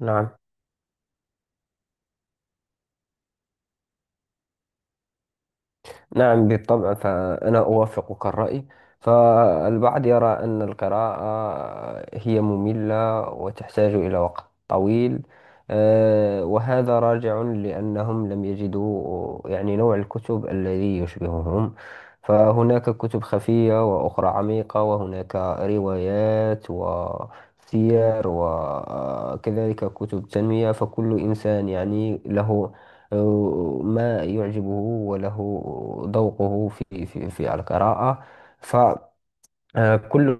نعم. نعم بالطبع، فأنا أوافقك الرأي. فالبعض يرى أن القراءة هي مملة وتحتاج إلى وقت طويل. وهذا راجع لأنهم لم يجدوا نوع الكتب الذي يشبههم. فهناك كتب خفية وأخرى عميقة، وهناك روايات وسير وكذلك كتب تنمية. فكل إنسان له ما يعجبه، وله ذوقه في القراءة. فكل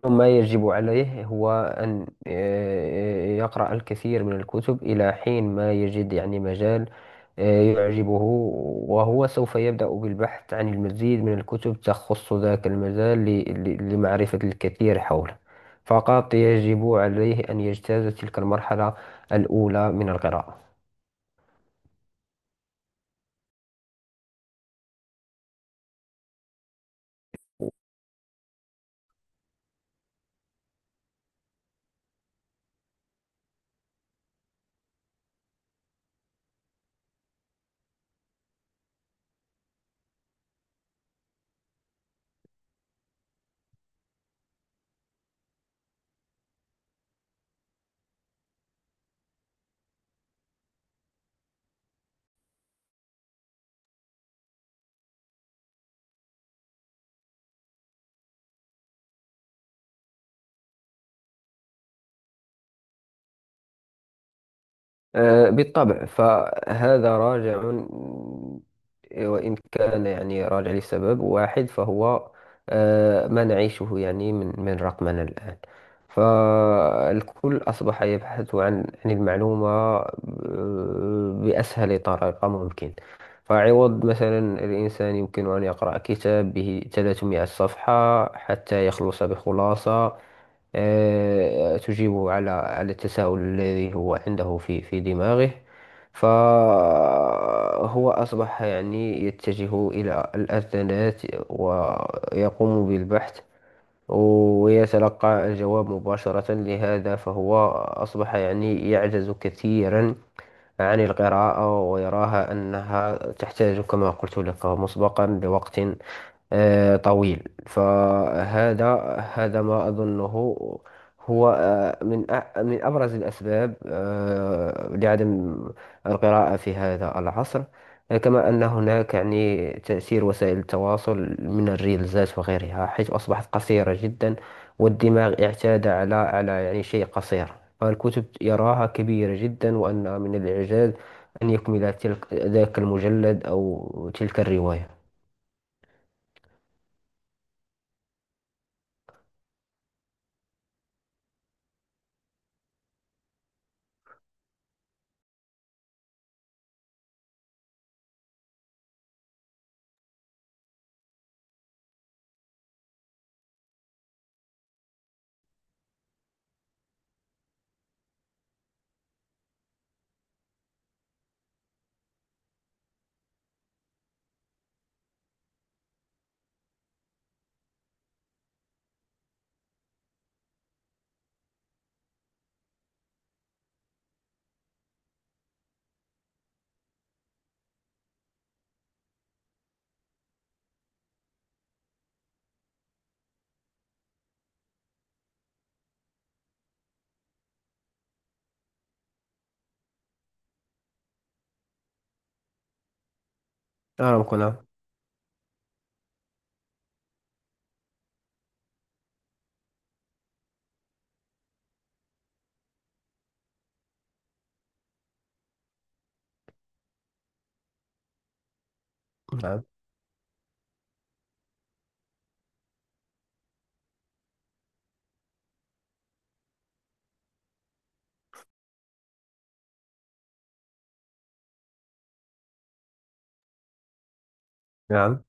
ما يجب عليه هو أن يقرأ الكثير من الكتب إلى حين ما يجد مجال يعجبه، وهو سوف يبدأ بالبحث عن المزيد من الكتب تخص ذاك المجال لمعرفة الكثير حوله. فقط يجب عليه أن يجتاز تلك المرحلة الأولى من القراءة. بالطبع، فهذا راجع، وإن كان راجع لسبب واحد فهو ما نعيشه من رقمنا الآن. فالكل أصبح يبحث عن المعلومة بأسهل طريقة ممكن. فعوض مثلا الإنسان يمكن أن يقرأ كتاب به 300 صفحة حتى يخلص بخلاصة تجيبه على التساؤل الذي هو عنده في دماغه. فهو أصبح يتجه إلى الأذانات ويقوم بالبحث ويتلقى الجواب مباشرة. لهذا فهو أصبح يعجز كثيرا عن القراءة، ويراها أنها تحتاج كما قلت لك مسبقا لوقت طويل. هذا ما أظنه هو من أبرز الأسباب لعدم القراءة في هذا العصر. كما أن هناك تأثير وسائل التواصل من الريلزات وغيرها، حيث أصبحت قصيرة جدا والدماغ اعتاد على شيء قصير. فالكتب يراها كبيرة جدا، وأن من الإعجاز أن يكمل ذاك المجلد أو تلك الرواية. أرى. نعم. نعم.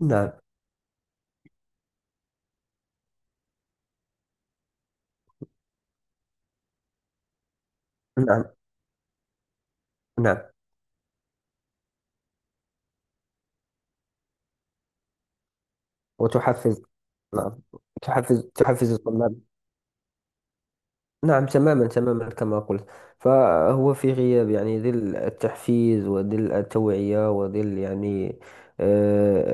نعم. نعم. نعم. وتحفز. نعم، تحفز الطلاب. نعم، تماما تماما كما قلت. فهو في غياب ظل التحفيز وظل التوعية وظل آه،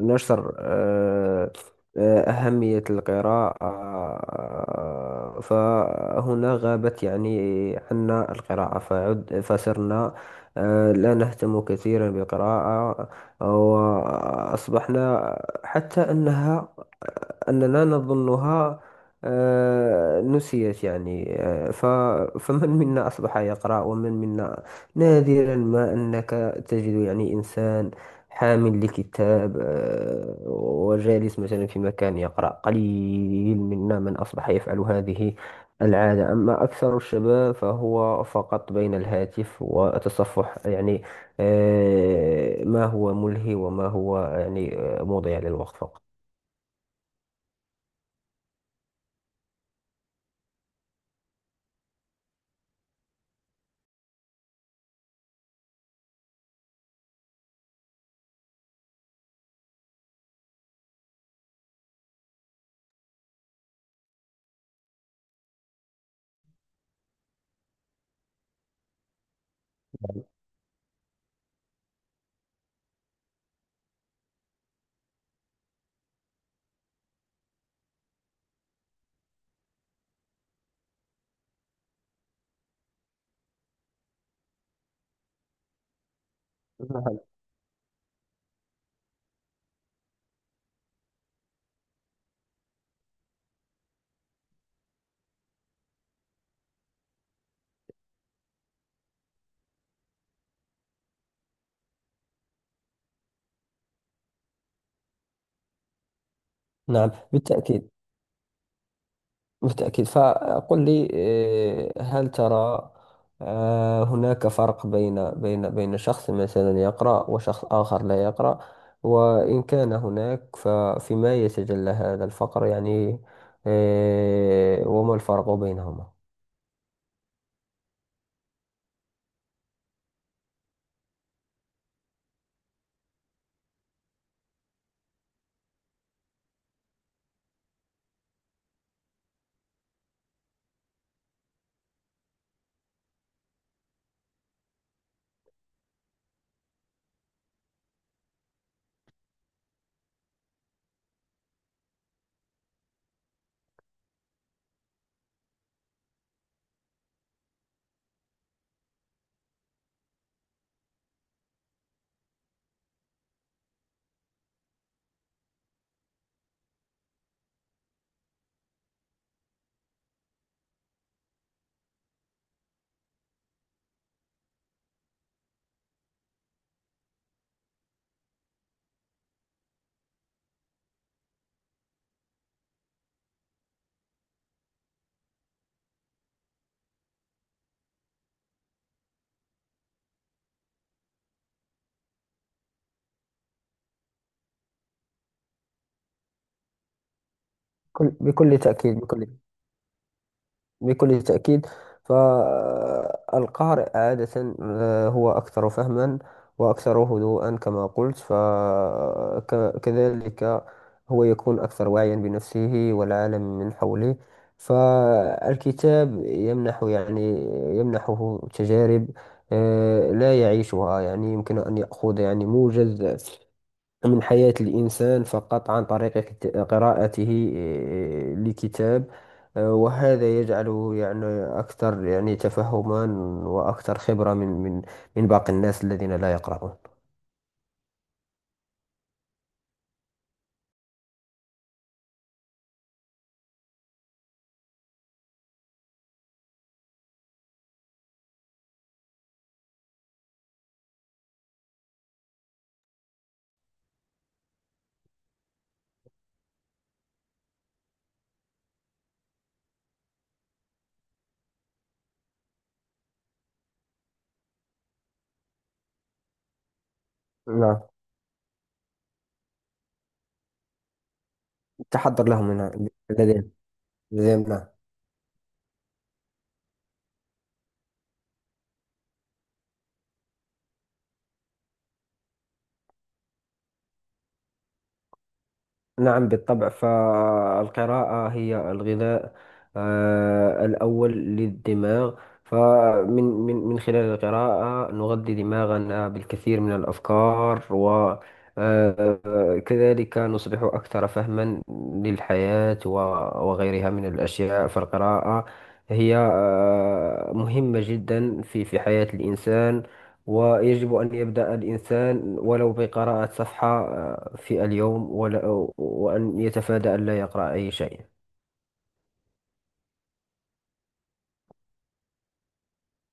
آه، نشر أهمية القراءة. فهنا غابت عنا القراءة، فصرنا لا نهتم كثيرا بالقراءة، وأصبحنا حتى أننا نظنها نسيت يعني آه، ف فمن منا أصبح يقرأ ومن منا نادرا ما أنك تجد إنسان حامل لكتاب وجالس مثلا في مكان يقرأ. قليل منا من أصبح يفعل هذه العادة. أما أكثر الشباب فهو فقط بين الهاتف وتصفح ما هو ملهي وما هو مضيع للوقت فقط. نعم، بالتأكيد. بالتأكيد. فقل لي، هل ترى هناك فرق بين شخص مثلا يقرأ وشخص آخر لا يقرأ؟ وإن كان هناك ففيما يتجلى هذا الفقر وما الفرق بينهما؟ بكل تأكيد، بكل تأكيد. فالقارئ عادة هو أكثر فهما وأكثر هدوءا كما قلت، فكذلك هو يكون أكثر وعيا بنفسه والعالم من حوله. فالكتاب يمنح يمنحه تجارب لا يعيشها. يمكن أن يأخذ موجز من حياة الإنسان فقط عن طريق قراءته لكتاب. وهذا يجعله أكثر تفهما وأكثر خبرة من من باقي الناس الذين لا يقرؤون. نعم، التحضر لهم من لدينا. لدينا. نعم، بالطبع، فالقراءة هي الغذاء الأول للدماغ. فمن من خلال القراءة نغذي دماغنا بالكثير من الأفكار، وكذلك نصبح أكثر فهما للحياة وغيرها من الأشياء. فالقراءة هي مهمة جدا في حياة الإنسان. ويجب أن يبدأ الإنسان ولو بقراءة صفحة في اليوم، وأن يتفادى أن لا يقرأ أي شيء.